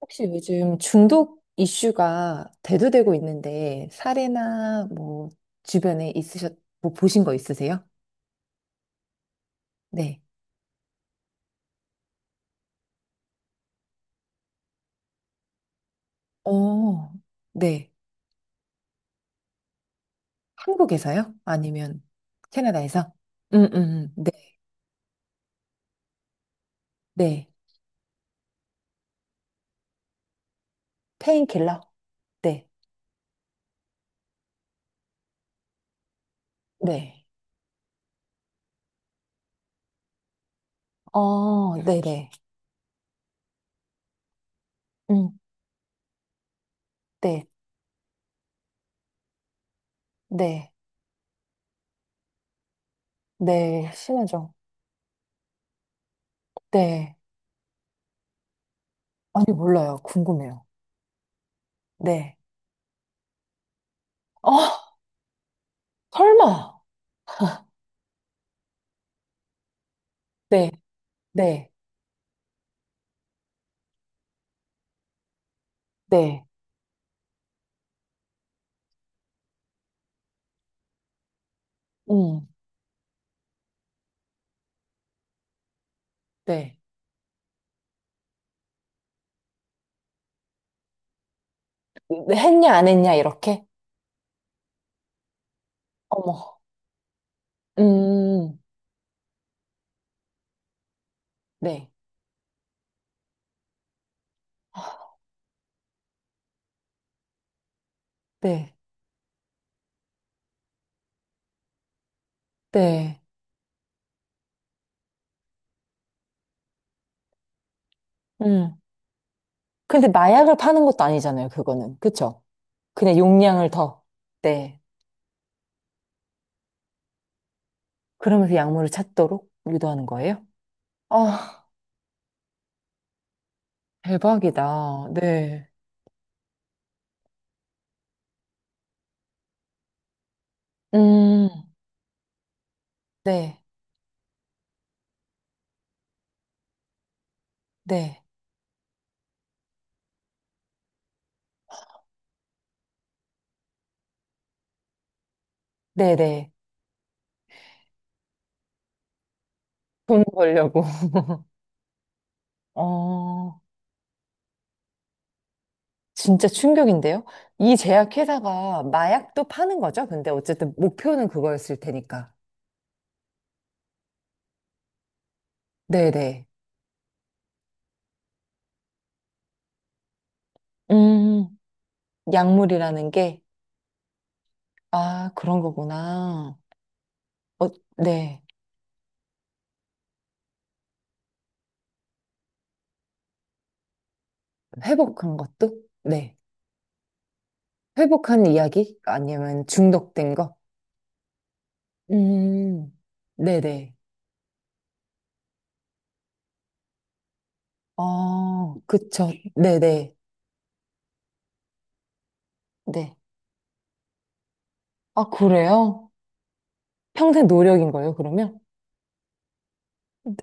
혹시 요즘 중독 이슈가 대두되고 있는데 사례나 뭐 주변에 뭐 보신 거 있으세요? 네. 어, 네. 한국에서요? 아니면 캐나다에서? 네, 네. 페인킬러? 네, 네. 어, 네네. 음, 네, 네, 네. 심하죠? 네. 아니, 몰라요. 궁금해요. 네. 어, 설마? 네, 네, 네. 음, 네. 네, 했냐, 안 했냐, 이렇게? 어머. 음, 네. 네. 네. 음. 근데 마약을 파는 것도 아니잖아요, 그거는. 그쵸? 그냥 용량을 더. 네. 그러면서 약물을 찾도록 유도하는 거예요? 아, 대박이다. 네. 음, 네. 네. 네네. 돈 벌려고. 어, 진짜 충격인데요? 이 제약회사가 마약도 파는 거죠? 근데 어쨌든 목표는 그거였을 테니까. 네네. 음. 약물이라는 게, 아, 그런 거구나. 어, 네. 회복한 것도? 네. 회복한 이야기? 아니면 중독된 거? 음, 네네. 아, 그쵸. 네네. 네. 아, 그래요? 평생 노력인 거예요, 그러면?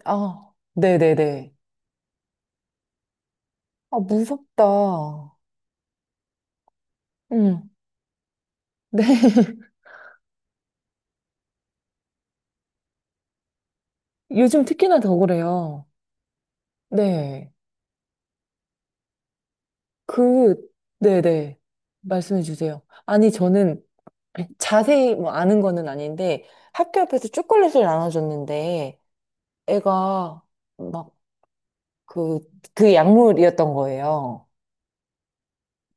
아, 네네네. 아, 무섭다. 음, 네. 요즘 특히나 더 그래요. 네. 그, 네네. 말씀해 주세요. 아니, 저는 자세히 뭐 아는 거는 아닌데 학교 앞에서 초콜릿을 나눠줬는데 애가 막 그, 그 약물이었던 거예요.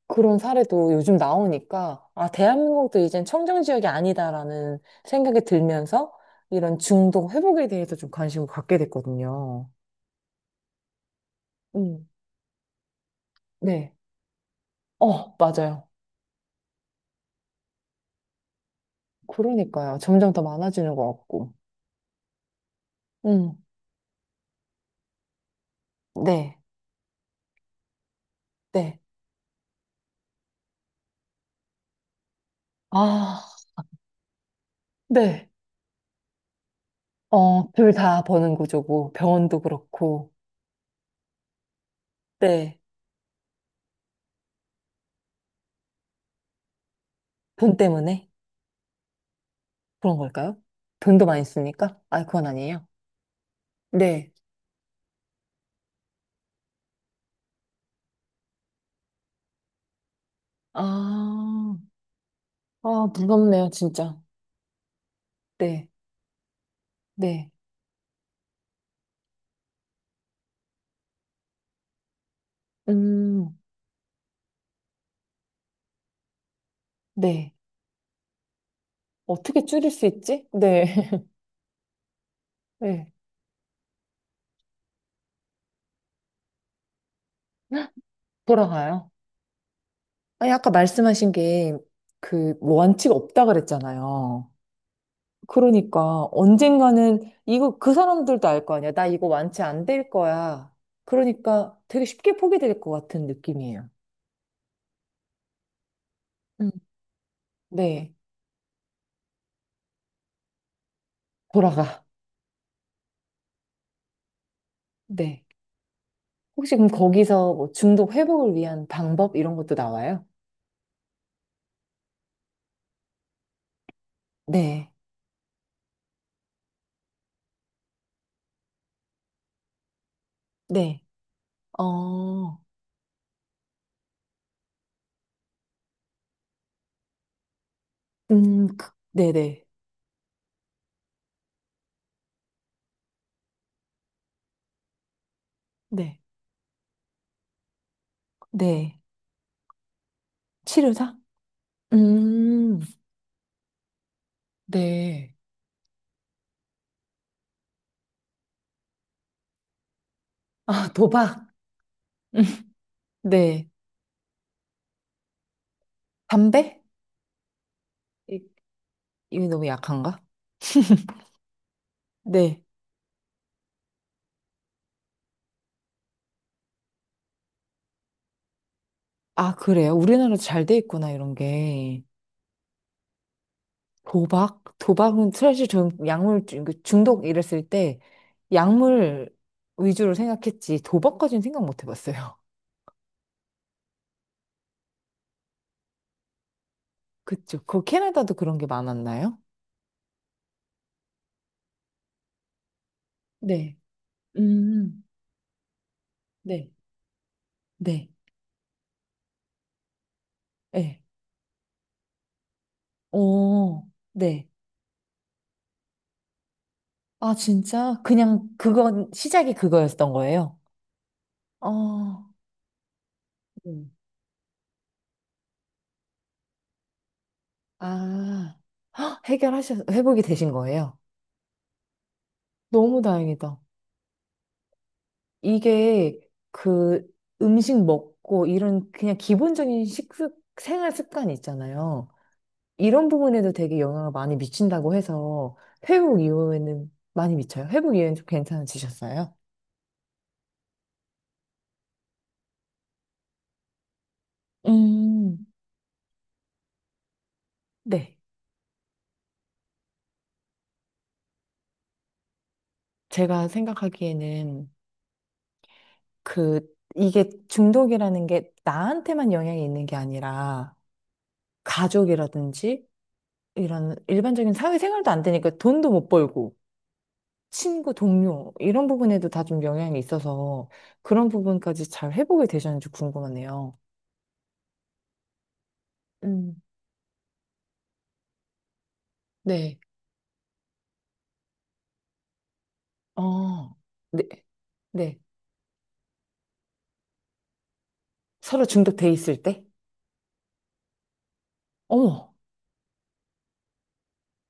그런 사례도 요즘 나오니까 아, 대한민국도 이젠 청정지역이 아니다라는 생각이 들면서 이런 중독 회복에 대해서 좀 관심을 갖게 됐거든요. 음, 네. 어, 맞아요. 그러니까요. 점점 더 많아지는 것 같고. 음, 네, 네. 아, 네. 어, 둘 다 버는 구조고, 병원도 그렇고, 네. 돈 때문에 그런 걸까요? 돈도 많이 쓰니까? 아, 그건 아니에요. 네. 아, 아, 무섭네요, 진짜. 네. 네. 음, 네. 어떻게 줄일 수 있지? 네. 네. 돌아가요. 아니, 아까 말씀하신 게, 그, 뭐 원칙 없다 그랬잖아요. 그러니까 언젠가는 이거 그 사람들도 알 거 아니야. 나 이거 완치 안 될 거야. 그러니까 되게 쉽게 포기될 것 같은 느낌이에요. 음. 네. 돌아가. 네. 혹시 그럼 거기서 뭐 중독 회복을 위한 방법 이런 것도 나와요? 네. 네. 어. 음. 네네. 네. 네. 치료사? 음. 네. 아, 도박. 네. 담배? 이- 이게 너무 약한가? 네. 아, 그래요? 우리나라도 잘 돼 있구나, 이런 게. 도박? 도박은 사실 전 약물 그 중독 이랬을 때 약물 위주로 생각했지 도박까지는 생각 못 해봤어요. 그쵸. 그 캐나다도 그런 게 많았나요? 네. 음, 네. 네. 네. 오, 네. 아, 진짜? 그냥 그건 시작이 그거였던 거예요? 어, 음. 아, 헉, 회복이 되신 거예요? 너무 다행이다. 이게 그 음식 먹고 이런 그냥 기본적인 생활 습관이 있잖아요. 이런 부분에도 되게 영향을 많이 미친다고 해서 회복 이후에는 많이 미쳐요. 회복 이후에는 좀 괜찮아지셨어요? 음, 네. 제가 생각하기에는 그, 이게 중독이라는 게 나한테만 영향이 있는 게 아니라 가족이라든지 이런 일반적인 사회생활도 안 되니까 돈도 못 벌고 친구, 동료, 이런 부분에도 다 좀 영향이 있어서 그런 부분까지 잘 회복이 되셨는지 궁금하네요. 음, 네. 어, 네, 네. 서로 중독돼 있을 때? 어머,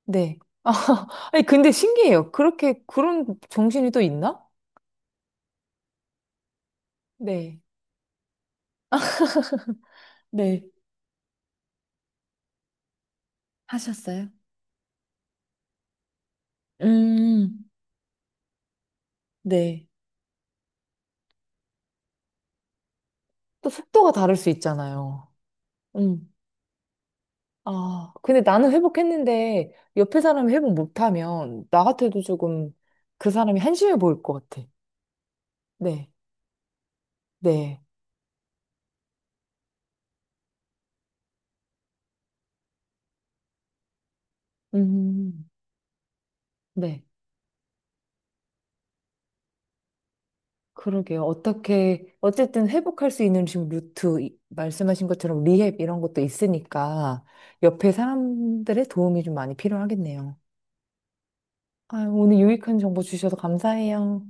네. 아, 아니, 근데 신기해요. 그렇게, 그런 정신이 또 있나? 네. 네. 하셨어요? 음, 네. 또 속도가 다를 수 있잖아요. 음. 아, 근데 나는 회복했는데 옆에 사람이 회복 못하면 나 같아도 조금 그 사람이 한심해 보일 것 같아. 네, 네, 음, 네. 그러게요. 어떻게, 어쨌든 회복할 수 있는 지금 루트, 말씀하신 것처럼 리헵 이런 것도 있으니까 옆에 사람들의 도움이 좀 많이 필요하겠네요. 아, 오늘 유익한 정보 주셔서 감사해요.